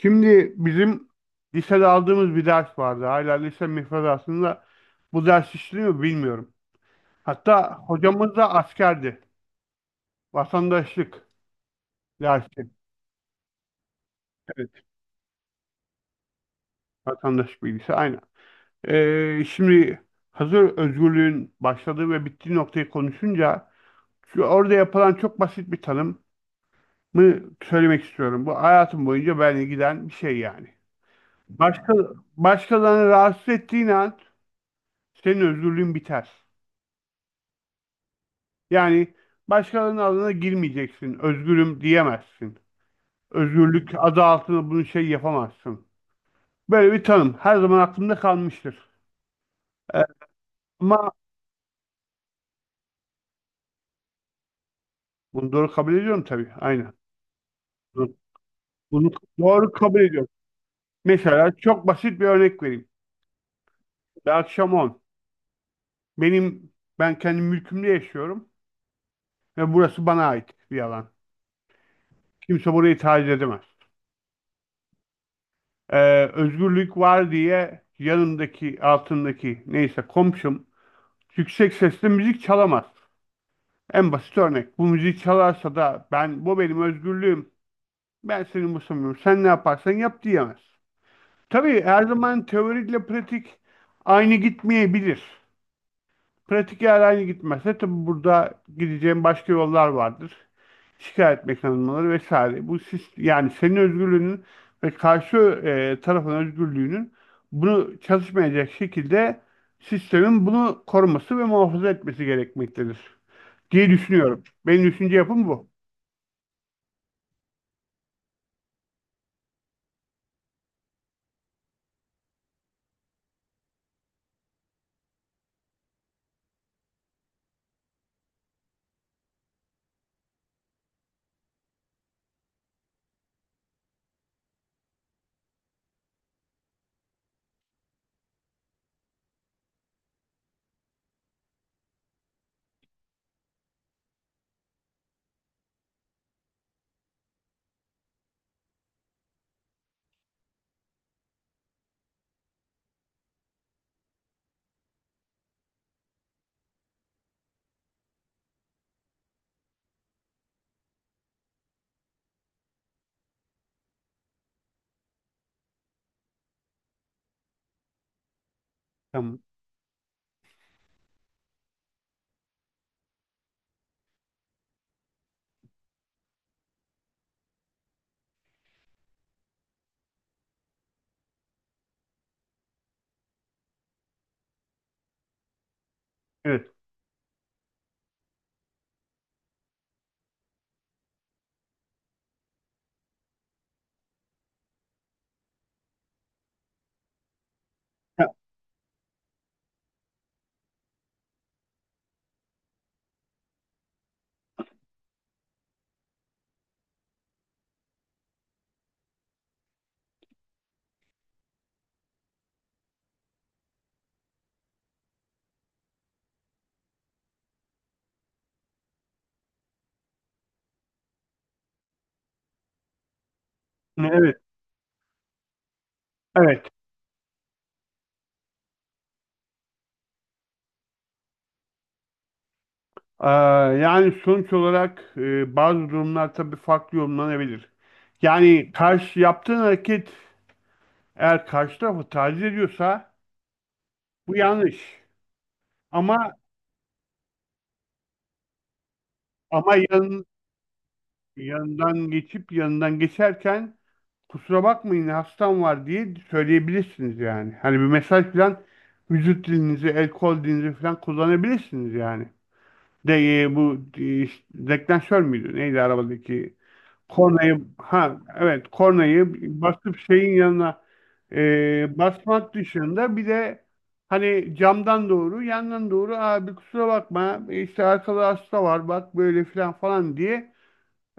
Şimdi bizim lisede aldığımız bir ders vardı. Hala lise müfredatında bu ders işliyor mu bilmiyorum. Hatta hocamız da askerdi. Vatandaşlık dersi. Evet, vatandaşlık bilgisi aynen. Şimdi hazır özgürlüğün başladığı ve bittiği noktayı konuşunca şu orada yapılan çok basit bir tanımı söylemek istiyorum. Bu hayatım boyunca benimle giden bir şey yani. Başka, Başkalarını rahatsız ettiğin an senin özgürlüğün biter. Yani başkalarının adına girmeyeceksin. Özgürüm diyemezsin. Özgürlük adı altında bunu şey yapamazsın. Böyle bir tanım her zaman aklımda kalmıştır. Ee, Ama bunu doğru kabul ediyorum tabii. Aynen. Bunu bunu doğru kabul ediyorum. Mesela çok basit bir örnek vereyim. Bir akşam 10. Benim ben kendi mülkümde yaşıyorum ve burası bana ait bir alan. Kimse burayı taciz edemez. Özgürlük var diye yanımdaki altındaki neyse komşum yüksek sesle müzik çalamaz. En basit örnek. Bu müziği çalarsa da benim özgürlüğüm. Ben seni umursamıyorum. Sen ne yaparsan yap diyemez. Tabii her zaman teoriyle pratik aynı gitmeyebilir. Pratik eğer aynı gitmezse tabii burada gideceğim başka yollar vardır. Şikayet mekanizmaları vesaire. Yani senin özgürlüğünün ve karşı tarafın özgürlüğünün bunu çalışmayacak şekilde sistemin bunu koruması ve muhafaza etmesi gerekmektedir diye düşünüyorum. Benim düşünce yapım bu. Tamam. Evet. Ha, evet. Evet. Aa, yani sonuç olarak bazı durumlar tabii farklı yorumlanabilir. Yani karşı yaptığın hareket eğer karşı tarafı taciz ediyorsa bu yanlış. Ama ama yanından geçip yanından geçerken kusura bakmayın hastam var diye söyleyebilirsiniz yani. Hani bir mesaj falan vücut dilinizi, el kol dilinizi falan kullanabilirsiniz yani. De bu deklanşör müydü? Neydi arabadaki? Kornayı, ha, evet, kornayı basıp şeyin yanına basmak dışında bir de hani camdan doğru yandan doğru abi kusura bakma işte arkada hasta var bak böyle filan falan diye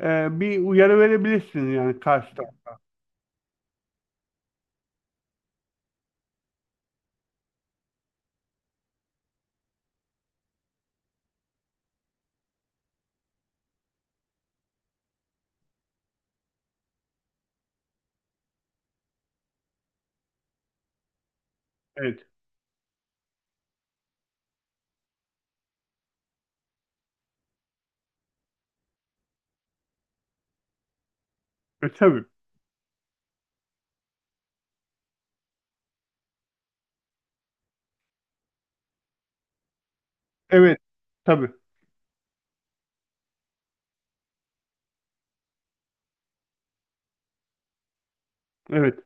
bir uyarı verebilirsin yani karşıda. Evet. Tabii. Evet. Tabii. Evet.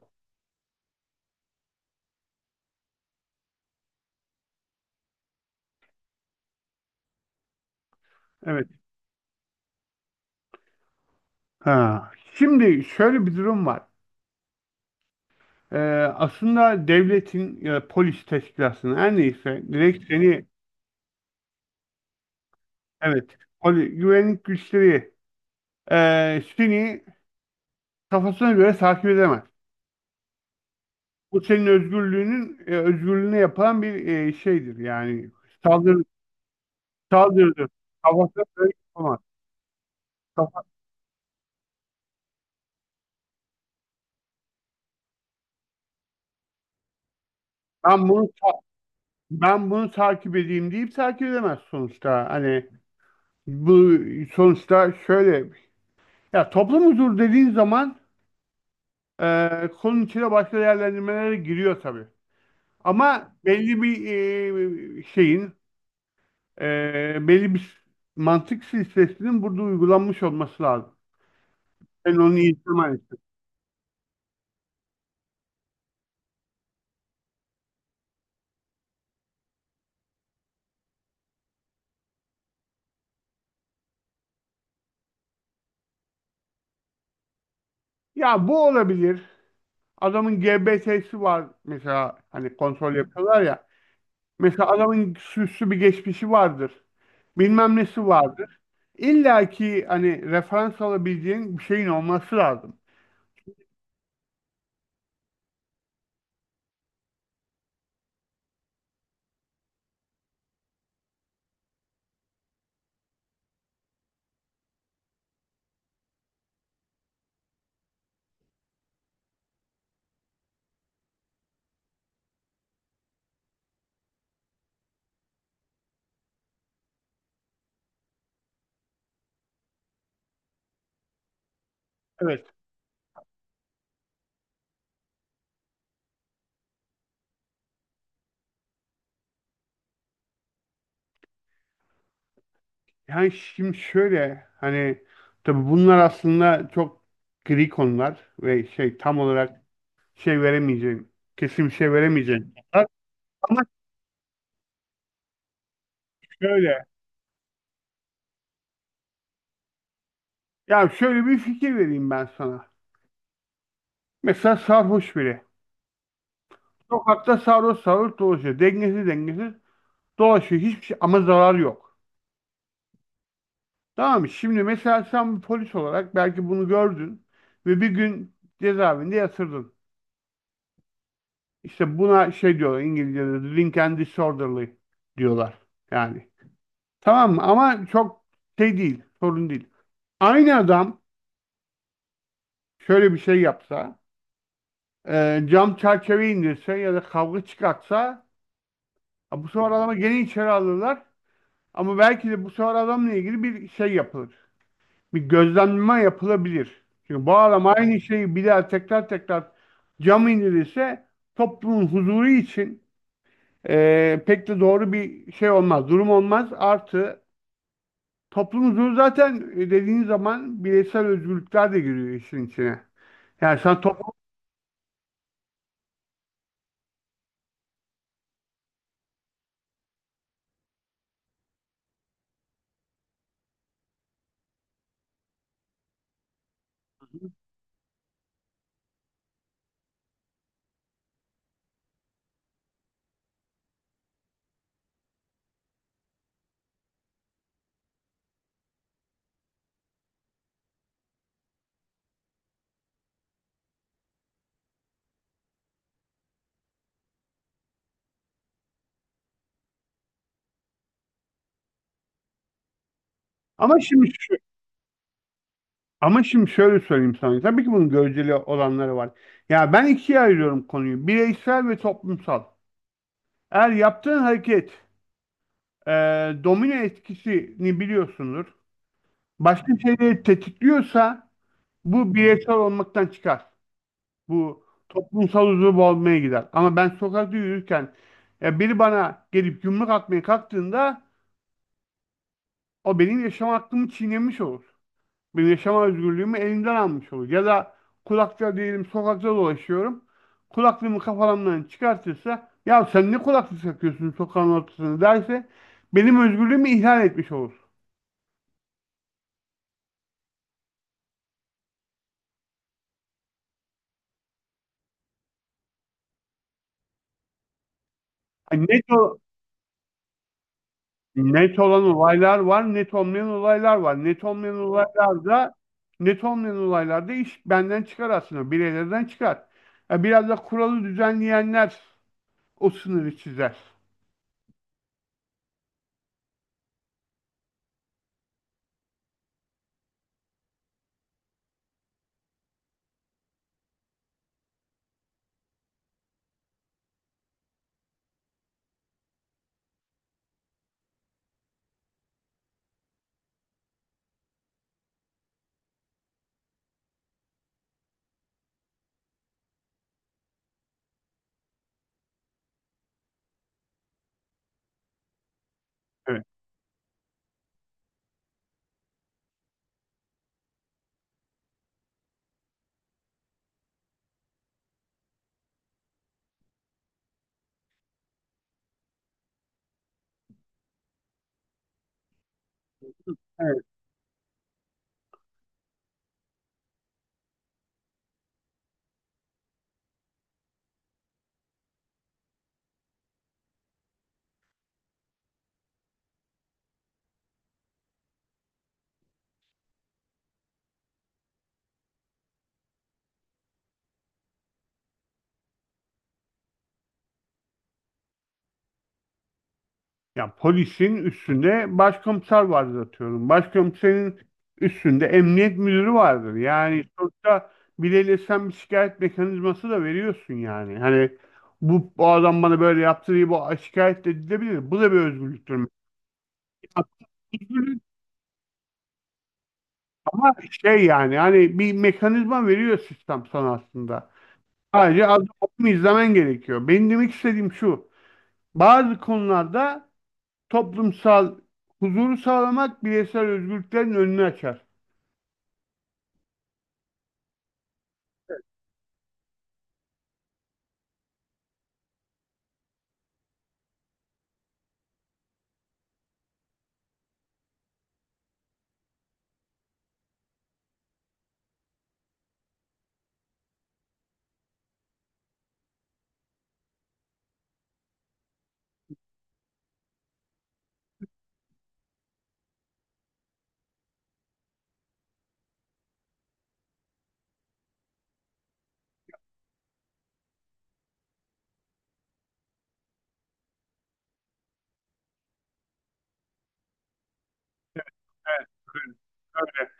Evet. Ha. Şimdi şöyle bir durum var. Ee, Aslında devletin ya da polis teşkilatının her neyse direkt seni, evet, güvenlik güçleri seni kafasına göre takip edemez. Bu senin özgürlüğüne yapılan bir şeydir yani saldırı saldırıdır. Kafasına göre yapamaz. Kafa- ben bunu ben bunu takip edeyim deyip takip edemez sonuçta. Hani bu, sonuçta şöyle, ya toplum huzuru dediğin zaman konunun içine başka değerlendirmelere giriyor tabii. Ama belli bir e, şeyin, e, belli bir mantık silsilesinin burada uygulanmış olması lazım. Ben onu yitirmen... Ya bu olabilir. Adamın GBT'si var mesela, hani kontrol yapıyorlar ya. Mesela adamın süslü bir geçmişi vardır. Bilmem nesi vardır. İlla ki hani referans alabileceğin bir şeyin olması lazım. Evet. Yani şimdi şöyle hani tabii bunlar aslında çok gri konular ve şey tam olarak şey veremeyeceğim. Kesin bir şey veremeyeceğim. Ama şöyle. Ya şöyle bir fikir vereyim ben sana. Mesela sarhoş biri. Sokakta sarhoş sarhoş dolaşıyor. Dengesiz dengesiz dolaşıyor. Hiçbir şey, ama zarar yok. Tamam mı? Şimdi mesela sen bir polis olarak belki bunu gördün ve bir gün cezaevinde yatırdın. İşte buna şey diyorlar, İngilizce'de drink and disorderly diyorlar. Yani. Tamam mı? Ama çok şey değil. Sorun değil. Aynı adam şöyle bir şey yapsa, cam çerçeve indirse ya da kavga çıkartsa, ha, bu sefer adamı gene içeri alırlar. Ama belki de bu sefer adamla ilgili bir şey yapılır. Bir gözlemleme yapılabilir. Çünkü bu adam aynı şeyi bir daha tekrar tekrar cam indirirse toplumun huzuru için pek de doğru bir şey olmaz. Durum olmaz. Artı, toplum huzuru zaten dediğin zaman bireysel özgürlükler de giriyor işin içine. Yani sen toplum... Ama şimdi şu. Ama şimdi şöyle söyleyeyim sana. Tabii ki bunun göreceli olanları var. Ya ben ikiye ayırıyorum konuyu: bireysel ve toplumsal. Eğer yaptığın hareket, e, domino etkisini biliyorsundur, başka şeyleri tetikliyorsa bu bireysel olmaktan çıkar. Bu toplumsal uzvu olmaya gider. Ama ben sokakta yürürken biri bana gelip yumruk atmaya kalktığında o benim yaşam hakkımı çiğnemiş olur. Bir yaşama özgürlüğümü elimden almış olur. Ya da kulakça diyelim, sokakta dolaşıyorum. Kulaklığımı kafamdan çıkartırsa, ya sen ne kulaklık takıyorsun sokağın ortasında derse, benim özgürlüğümü ihlal etmiş olur. Yani net olan olaylar var, net olmayan olaylar var. Net olmayan olaylarda iş benden çıkar aslında, bireylerden çıkar. Ya biraz da kuralı düzenleyenler o sınırı çizer. Evet. Evet. Ya, polisin üstünde başkomiser vardır atıyorum. Başkomiserin üstünde emniyet müdürü vardır. Yani sonuçta bileyle sen bir şikayet mekanizması da veriyorsun yani. Hani bu adam bana böyle yaptı diye bu şikayet de edilebilir. Bu da bir özgürlüktür. Ya, özgürlük ama şey yani hani bir mekanizma veriyor sistem sana aslında. Sadece adım adım izlemen gerekiyor. Benim demek istediğim şu: bazı konularda toplumsal huzuru sağlamak bireysel özgürlüklerin önünü açar. Evet, öyle. Öyle.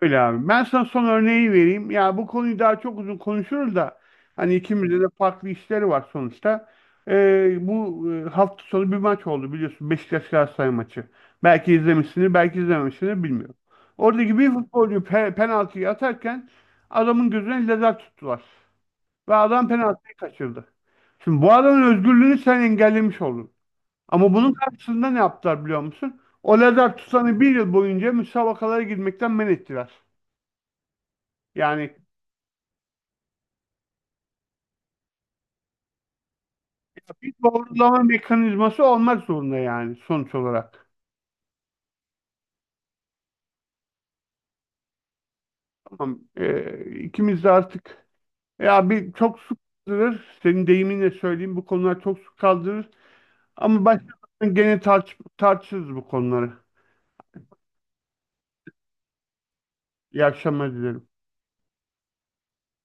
Öyle abi. Ben sana son örneği vereyim. Ya, bu konuyu daha çok uzun konuşuruz da hani ikimizde de farklı işleri var sonuçta. Bu hafta sonu bir maç oldu, biliyorsun. Beşiktaş Galatasaray maçı. Belki izlemişsiniz, belki izlememişsiniz, bilmiyorum. Oradaki bir futbolcu penaltıyı atarken adamın gözüne lazer tuttular. Ve adam penaltıyı kaçırdı. Şimdi bu adamın özgürlüğünü sen engellemiş oldun. Ama bunun karşısında ne yaptılar biliyor musun? O lazer tutanı bir yıl boyunca müsabakalara girmekten men ettiler. Yani bir doğrulama mekanizması olmak zorunda yani sonuç olarak. Tamam. İkimiz de artık... Ya bir çok su kaldırır. Senin deyiminle söyleyeyim, bu konular çok su kaldırır. Ama başta gene tartışırız bu konuları. İyi akşamlar dilerim.